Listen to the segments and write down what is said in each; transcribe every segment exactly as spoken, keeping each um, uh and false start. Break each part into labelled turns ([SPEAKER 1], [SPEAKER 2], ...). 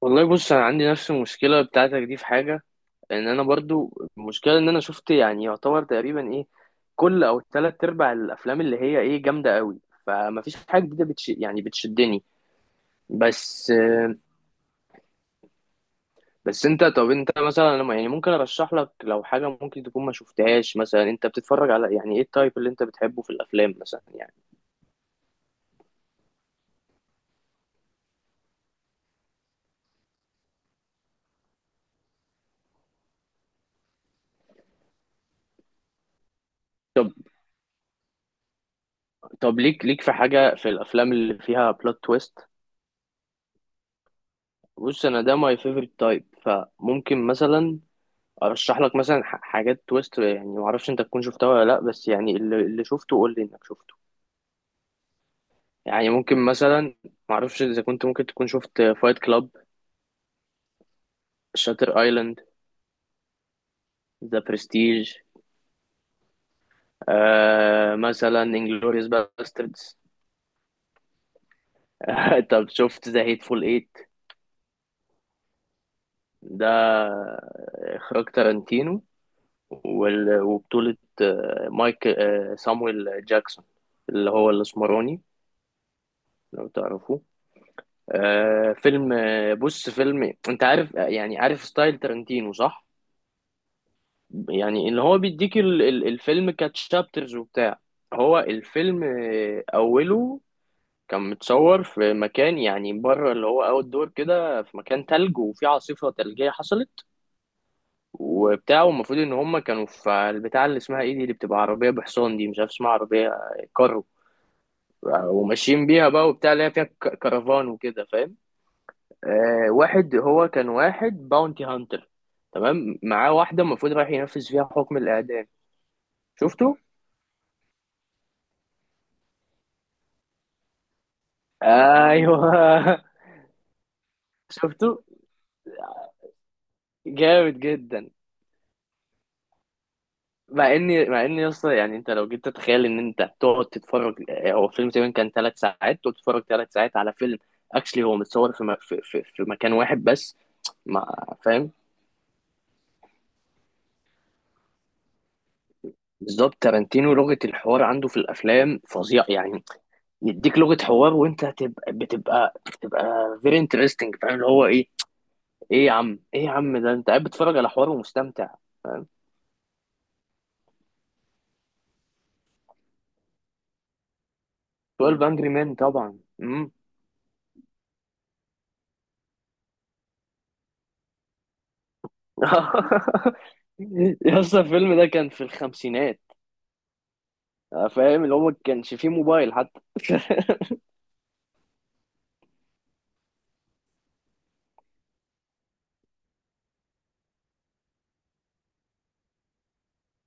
[SPEAKER 1] والله بص، انا عندي نفس المشكله بتاعتك دي في حاجه. ان انا برضو المشكله ان انا شفت، يعني يعتبر تقريبا ايه، كل او ثلاث ارباع الافلام اللي هي ايه جامده قوي، فما فيش حاجه جديده بتش يعني بتشدني. بس بس انت، طب انت مثلا، أنا يعني ممكن ارشح لك لو حاجه ممكن تكون ما شفتهاش. مثلا انت بتتفرج على يعني ايه، التايب اللي انت بتحبه في الافلام مثلا يعني؟ طب ليك ليك في حاجه في الافلام اللي فيها بلوت تويست. بص انا ده ماي فيفورت تايب، فممكن مثلا ارشح لك مثلا ح- حاجات تويست، يعني ما اعرفش انت تكون شفتها ولا لا، بس يعني اللي, اللي شفته قول لي انك شفته. يعني ممكن مثلا ما اعرفش اذا كنت ممكن تكون شفت فايت كلاب، شاتر ايلاند، ذا برستيج، آه مثلا انجلوريوس باستردز. طب شفت ذا هيتفول ايت؟ ده اخراج تارانتينو، وال- وبطولة آه، مايك، آه، سامويل جاكسون، اللي هو الاسمراني، لو تعرفوه. آه فيلم، آه بص، فيلم انت عارف، آه، يعني عارف ستايل تارنتينو صح؟ يعني اللي هو بيديك ال- ال- الفيلم كتشابترز وبتاع. هو الفيلم، آه، اوله كان متصور في مكان يعني بره، اللي هو اوت دور كده، في مكان تلج، وفي عاصفة تلجية حصلت وبتاع. والمفروض ان هم كانوا في البتاع اللي اسمها ايه دي، اللي بتبقى عربية بحصان دي، مش عارف اسمها، عربية، آه، كارو. آه، وماشيين بيها بقى وبتاع، اللي هي فيها ك- كرفان وكده، فاهم؟ آه واحد هو كان واحد باونتي هانتر، تمام، معاه واحدة المفروض رايح ينفذ فيها حكم الإعدام. شفته؟ أيوه. شفته؟ جامد جدا. مع إني مع إني يا اسطى، يعني أنت لو جيت تتخيل إن أنت تقعد تتفرج، آه، هو فيلم تقريبا كان ثلاث ساعات. تقعد تتفرج ثلاث ساعات على فيلم اكشلي هو متصور في, م... في, في, في مكان واحد بس. مع فاهم، بالظبط، تارانتينو لغة الحوار عنده في الأفلام فظيع يعني. يديك لغه حوار، وانت هتبقى بتبقى بتبقى فيري انترستنج، فاهم؟ اللي هو ايه، ايه يا عم، ايه يا عم، ده انت قاعد بتتفرج على حوار ومستمتع. اتناشر انجري مان طبعا، امم. يا اسطى، الفيلم ده كان في الخمسينات، فاهم؟ اللي هو ما كانش فيه موبايل حتى.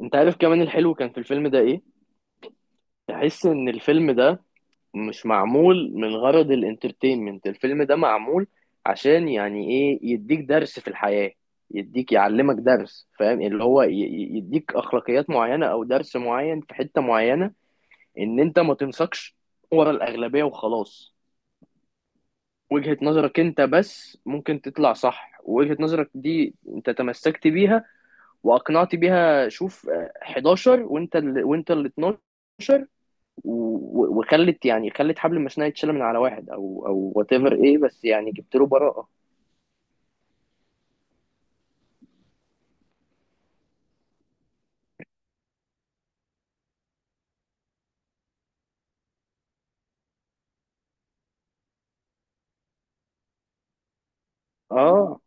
[SPEAKER 1] انت عارف كمان الحلو كان في الفيلم ده ايه؟ تحس ان الفيلم ده مش معمول من غرض الانترتينمنت، الفيلم ده معمول عشان يعني ايه، يديك درس في الحياة. يديك يعلمك درس، فاهم؟ اللي هو ي- ي- يديك اخلاقيات معينة او درس معين في حتة معينة، ان انت ما تنساقش ورا الاغلبية وخلاص. وجهة نظرك انت بس ممكن تطلع صح، ووجهة نظرك دي انت تمسكت بيها واقنعت بيها. شوف آه، حداشر وانت ال... وانت ال اتناشر، و- و- وخلت يعني خلت حبل المسنه يتشال من على واحد، او او وات ايفر ايه، بس يعني جبت له براءه. اه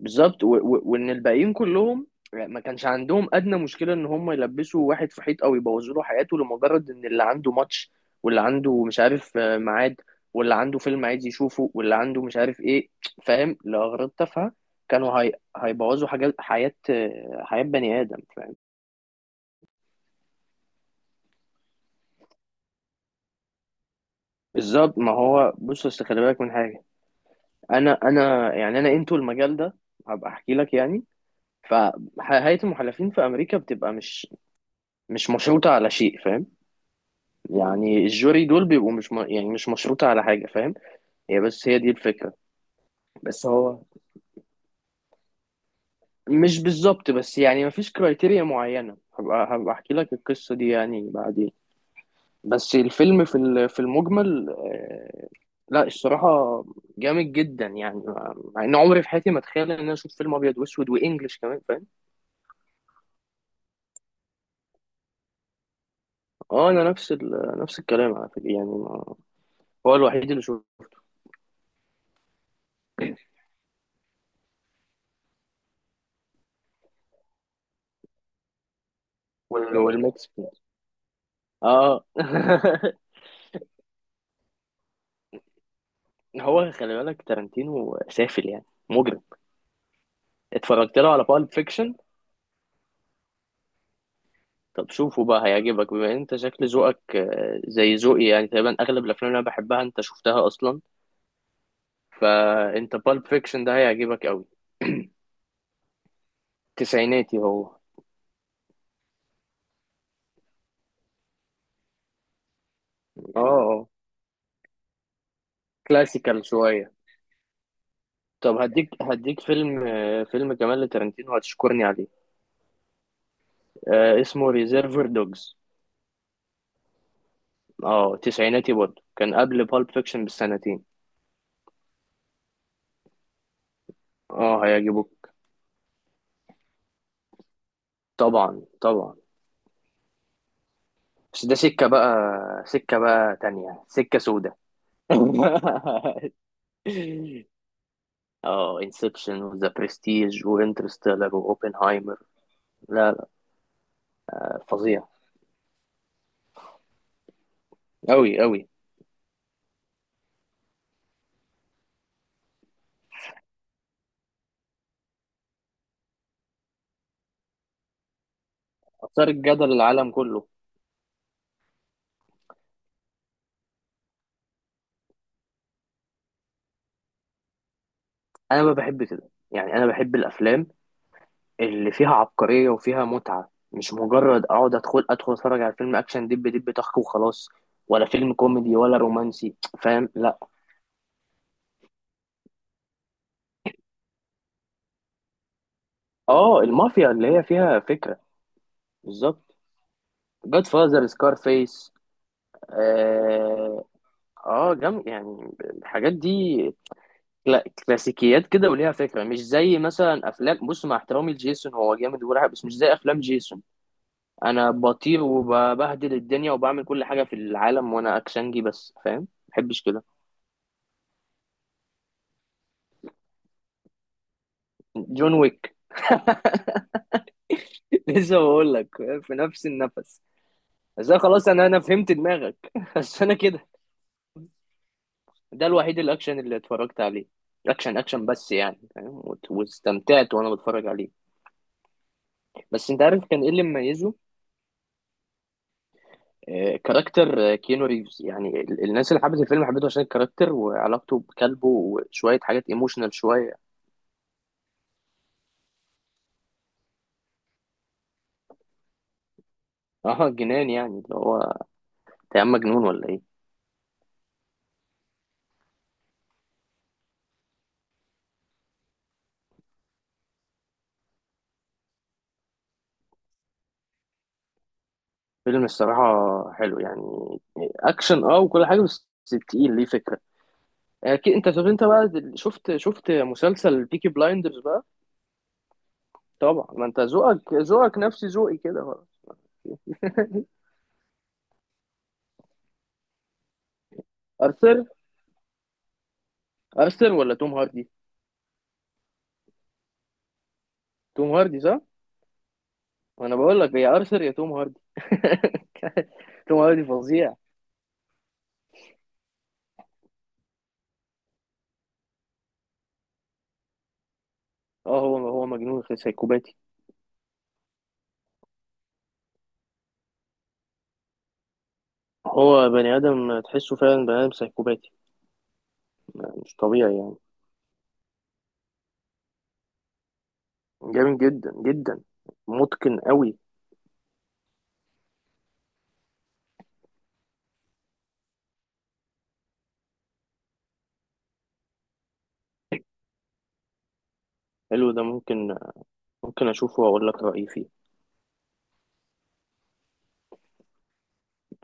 [SPEAKER 1] بالظبط، و- و- وان الباقيين كلهم ما كانش عندهم ادنى مشكله ان هم يلبسوا واحد في حيط او يبوظوا له حياته، لمجرد ان اللي عنده ماتش، واللي عنده مش عارف، آه، ميعاد، واللي عنده فيلم عايز يشوفه، واللي عنده مش عارف ايه، فاهم؟ لاغراض تافهه، كانوا هي... هيبوظوا حاجات حياه، آه، حياه بني ادم، فاهم؟ بالظبط، ما هو بص، أصل خلي بالك من حاجه. انا انا يعني، انا انتو المجال ده هبقى احكي لك يعني. فهيئة المحلفين في امريكا بتبقى مش مش مشروطة على شيء، فاهم؟ يعني الجوري دول بيبقوا مش م... يعني مش مشروطة على حاجة، فاهم؟ هي بس هي دي الفكرة. بس هو مش بالظبط، بس يعني مفيش كرايتيريا معينة، هبقى هبقى احكي لك القصة دي يعني بعدين. بس الفيلم في ال- في المجمل، آه. لا الصراحة جامد جدا، يعني مع مع ان عمري في حياتي ما اتخيل ان انا اشوف فيلم ابيض واسود وانجلش كمان، فاهم؟ اه انا نفس ال... نفس الكلام على فكره، يعني ما... هو الوحيد اللي شو. وال- والمكسيكان. اه. هو خلي بالك تارانتينو سافل، يعني مجرم. اتفرجت له على بالب فيكشن. طب شوفه بقى، هيعجبك بما ان انت شكل ذوقك آه، زي ذوقي يعني، تقريبا اغلب الافلام اللي انا بحبها انت شفتها اصلا، فانت بالب فيكشن ده هيعجبك قوي. تسعيناتي هو، اه، اه، كلاسيكال شويه. طب هديك هديك فيلم، آه، فيلم كمان لتارانتينو هتشكرني عليه، آه، اسمه ريزيرفر دوجز. اه تسعيناتي برضه، كان قبل بالب فيكشن بسنتين. اه هيعجبوك. طبعا طبعا. بس ده سكة بقى، سكة بقى تانية، سكة سودة. اه، انسبشن وذا برستيج وانترستيلر واوبنهايمر. لا لا، فظيع، أوي أوي. أثار الجدل العالم كله. أنا ما بحب كده يعني، أنا بحب الأفلام اللي فيها عبقرية وفيها متعة، مش مجرد اقعد ادخل ادخل اتفرج على فيلم اكشن دب دب طخ وخلاص. ولا فيلم كوميدي ولا رومانسي، فاهم؟ لا. اه المافيا اللي هي فيها فكرة. بالظبط، جاد فازر، سكارفيس. اه، اه، جم يعني الحاجات دي، كلا- كلاسيكيات كده وليها فكرة. مش زي مثلا افلام، بص مع احترامي لجيسون، هو جامد ورعب، بس مش زي افلام جيسون انا بطير وببهدل الدنيا وبعمل كل حاجة في العالم وانا اكشنجي بس، فاهم؟ محبش كده. جون ويك. لسه بقول لك، في نفس النفس. بس أنا خلاص، انا انا فهمت دماغك. بس انا كده، ده الوحيد الاكشن اللي اتفرجت عليه. اكشن اكشن، بس يعني فاهم، وت- واستمتعت وانا بتفرج عليه. بس انت عارف كان ايه اللي مميزه؟ آه، كاركتر آه، كيانو ريفز. يعني ال- الناس اللي حبت الفيلم حبته عشان الكاركتر وعلاقته بكلبه وشويه حاجات ايموشنال شويه. اه جنان يعني، اللي هو انت يا عم مجنون ولا ايه؟ فيلم الصراحه حلو يعني، آه، اكشن، اه، وكل حاجه، بس تقيل ليه فكره. اكيد انت، طب انت بقى دل- شفت شفت مسلسل بيكي بلايندرز بقى؟ طبعا، ما انت ذوقك ذوقك نفس ذوقي كده بقى. ارثر؟ ارثر ولا توم هاردي؟ توم هاردي صح. انا بقول لك يا ارثر يا توم هاردي. توم هاردي فظيع. اه هو هو مجنون سايكوباتي. هو بني ادم تحسه فعلا بني ادم سايكوباتي. مش طبيعي يعني، جامد جدا جدا، متقن قوي. حلو، ده ممكن، ممكن اشوفه واقول لك رايي فيه.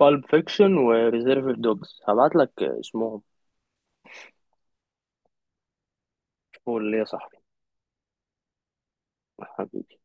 [SPEAKER 1] بالب فيكشن وريزيرف دوجز هبعت لك اسمهم. قول لي يا صاحبي. حبيبي.